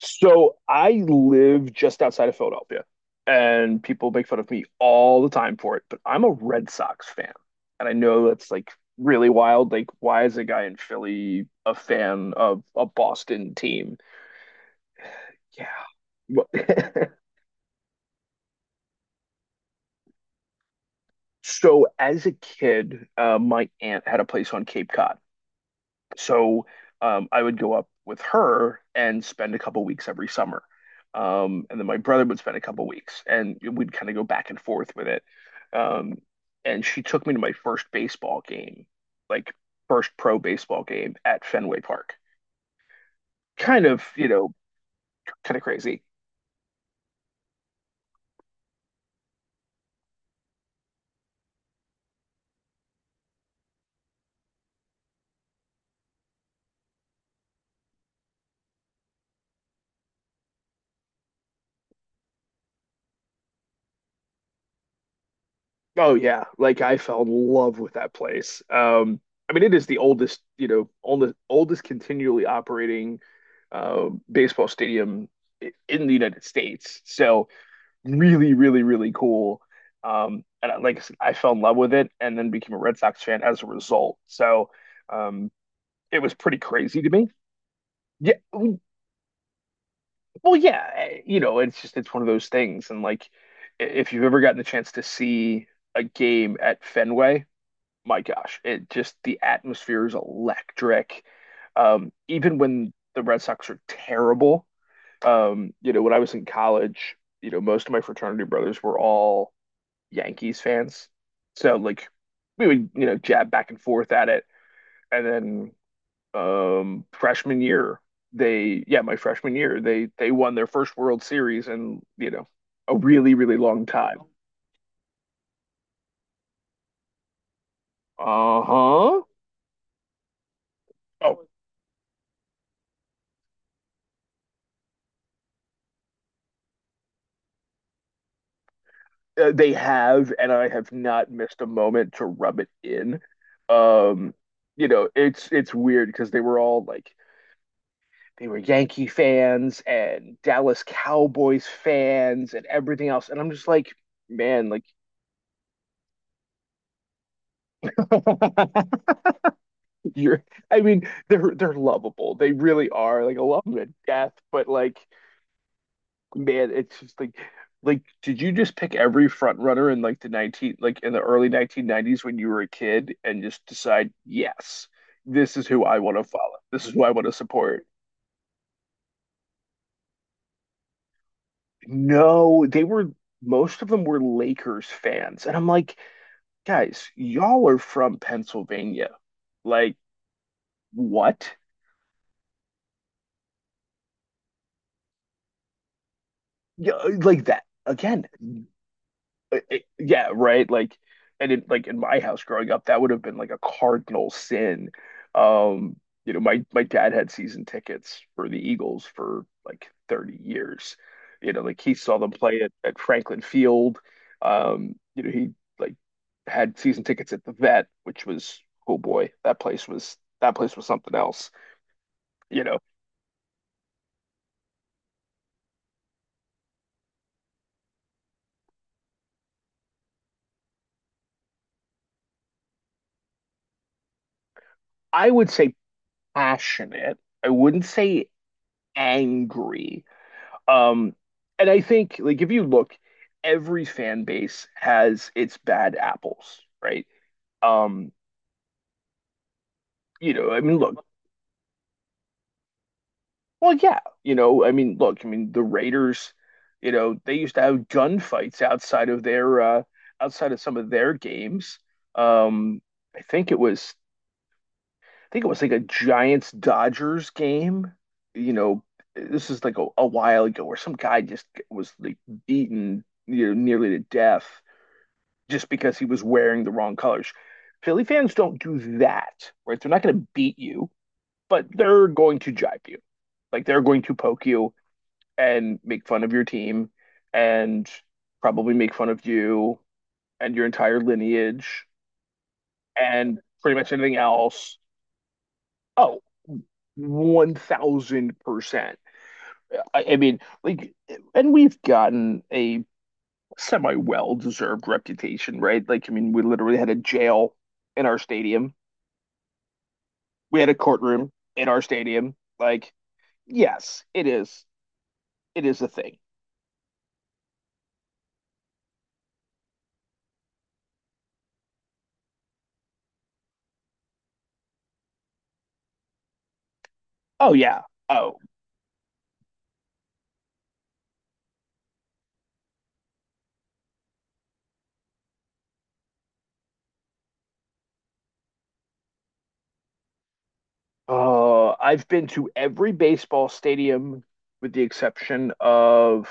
So I live just outside of Philadelphia, and people make fun of me all the time for it, but I'm a Red Sox fan. And I know that's like really wild. Like, why is a guy in Philly a fan of a Boston team? Yeah. Well, So as a kid, my aunt had a place on Cape Cod. So, I would go up with her and spend a couple weeks every summer. And then my brother would spend a couple weeks and we'd kind of go back and forth with it. Um, and she took me to my first baseball game, like first pro baseball game at Fenway Park. Kind of, you know, kind of crazy. Oh yeah, like I fell in love with that place. I mean, it is the oldest, oldest continually operating baseball stadium in the United States. So really, really, really cool. And I fell in love with it, and then became a Red Sox fan as a result. So, um, it was pretty crazy to me. Yeah, well, yeah, it's just it's one of those things. And like, if you've ever gotten the chance to see a game at Fenway, my gosh, it just the atmosphere is electric. Even when the Red Sox are terrible, when I was in college, most of my fraternity brothers were all Yankees fans. So like we would, jab back and forth at it. And then freshman year, my freshman year, they won their first World Series in, a really, really long time. Uh-huh. Oh, they have, and I have not missed a moment to rub it in. Um, it's weird because they were all like they were Yankee fans and Dallas Cowboys fans and everything else. And I'm just like, man, like you're I mean, they're lovable. They really are. Like I love them to death, but like, man, it's just like did you just pick every front runner in like the 19 like in the early 1990s when you were a kid and just decide, yes, this is who I want to follow. This is who I want to support. No, they were most of them were Lakers fans. And I'm like, guys, y'all are from Pennsylvania. Like, what? Yeah, like that again. Yeah, right. Like, and in my house growing up, that would have been like a cardinal sin. Um, my dad had season tickets for the Eagles for like 30 years. Like he saw them play at Franklin Field. He like had season tickets at the Vet, which was, oh boy, that place was something else. You know, I would say passionate. I wouldn't say angry. Um, and I think like if you look, every fan base has its bad apples, right? Um, I mean, look, well, yeah, I mean, look, I mean, the Raiders, they used to have gunfights outside of their outside of some of their games. Um, I think it was I think it was like a Giants Dodgers game. You know, this is like a while ago where some guy just was like beaten, nearly to death just because he was wearing the wrong colors. Philly fans don't do that, right? They're not going to beat you, but they're going to jibe you. Like they're going to poke you and make fun of your team and probably make fun of you and your entire lineage and pretty much anything else. Oh, 1000%. I mean, like, and we've gotten a semi well deserved reputation, right? Like, I mean, we literally had a jail in our stadium, we had a courtroom in our stadium. Like, yes, it is. It is a thing. Oh, yeah. Oh, I've been to every baseball stadium with the exception of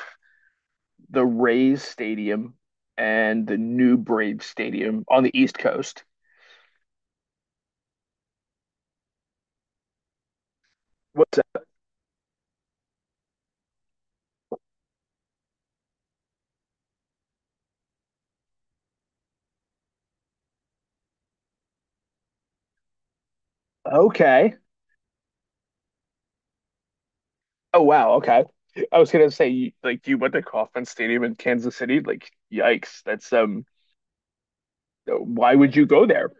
the Rays Stadium and the new Brave Stadium on the East Coast. What's? Okay. Oh wow. Okay. I was gonna say, like, you went to Kauffman Stadium in Kansas City. Like, yikes. That's. Why would you go there?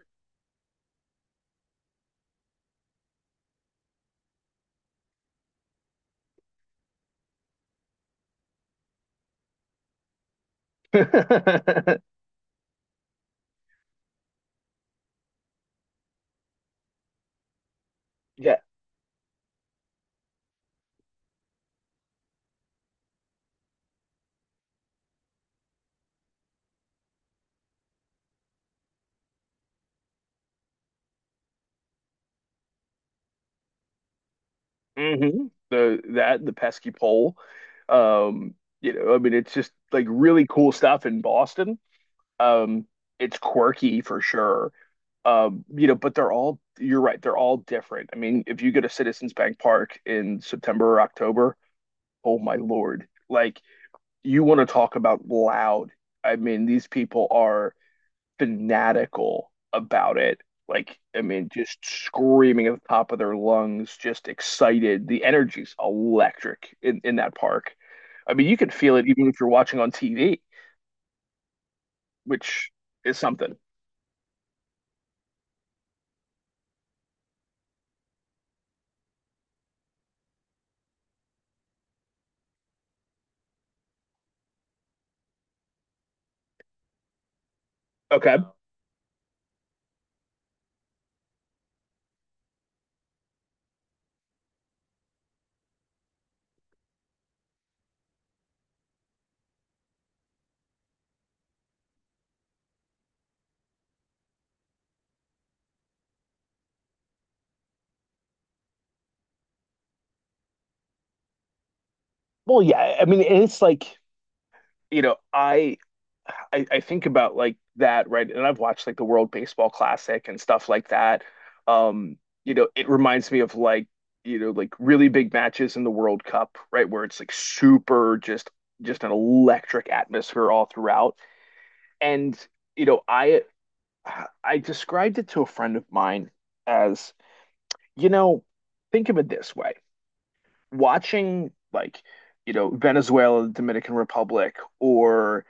Yeah. Hmm. The pesky pole. Um. I mean, it's just like really cool stuff in Boston. Um. It's quirky for sure. But they're all. You're right. They're all different. I mean, if you go to Citizens Bank Park in September or October, oh my Lord. Like, you want to talk about loud. I mean, these people are fanatical about it. Like, I mean, just screaming at the top of their lungs, just excited. The energy's electric in that park. I mean, you can feel it even if you're watching on TV, which is something. Okay. Well, yeah. I mean, it's like, you know, I I think about like that, right? And I've watched like the World Baseball Classic and stuff like that. Um, it reminds me of like really big matches in the World Cup, right? Where it's like super just an electric atmosphere all throughout. And, you know, I I described it to a friend of mine as, you know, think of it this way, watching like Venezuela, Dominican Republic, or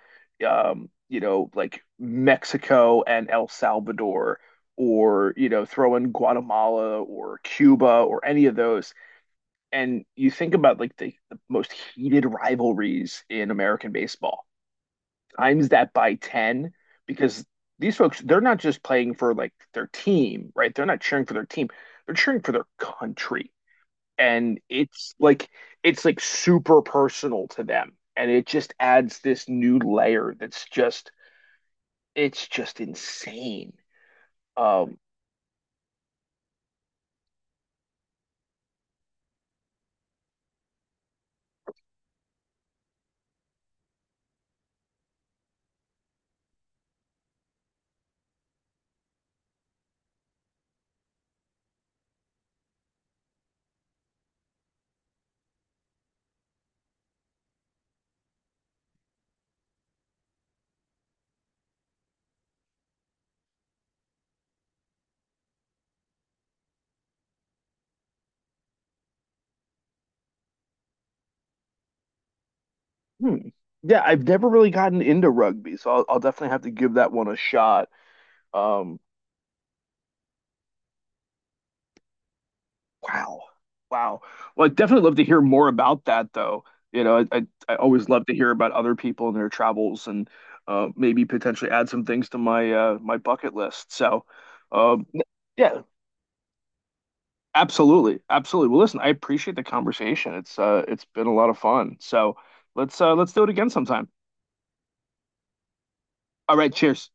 like Mexico and El Salvador, or throw in Guatemala or Cuba or any of those, and you think about like the most heated rivalries in American baseball, times that by ten, because these folks, they're not just playing for like their team, right? They're not cheering for their team; they're cheering for their country, and it's like super personal to them, and it just adds this new layer that's just insane. um hmm. Yeah, I've never really gotten into rugby, so I'll definitely have to give that one a shot. um wow, wow. Well, I'd definitely love to hear more about that, though. I always love to hear about other people and their travels, and maybe potentially add some things to my my bucket list, so um, yeah. Absolutely. Absolutely. Well, listen, I appreciate the conversation. It's been a lot of fun. So let's do it again sometime. All right, cheers.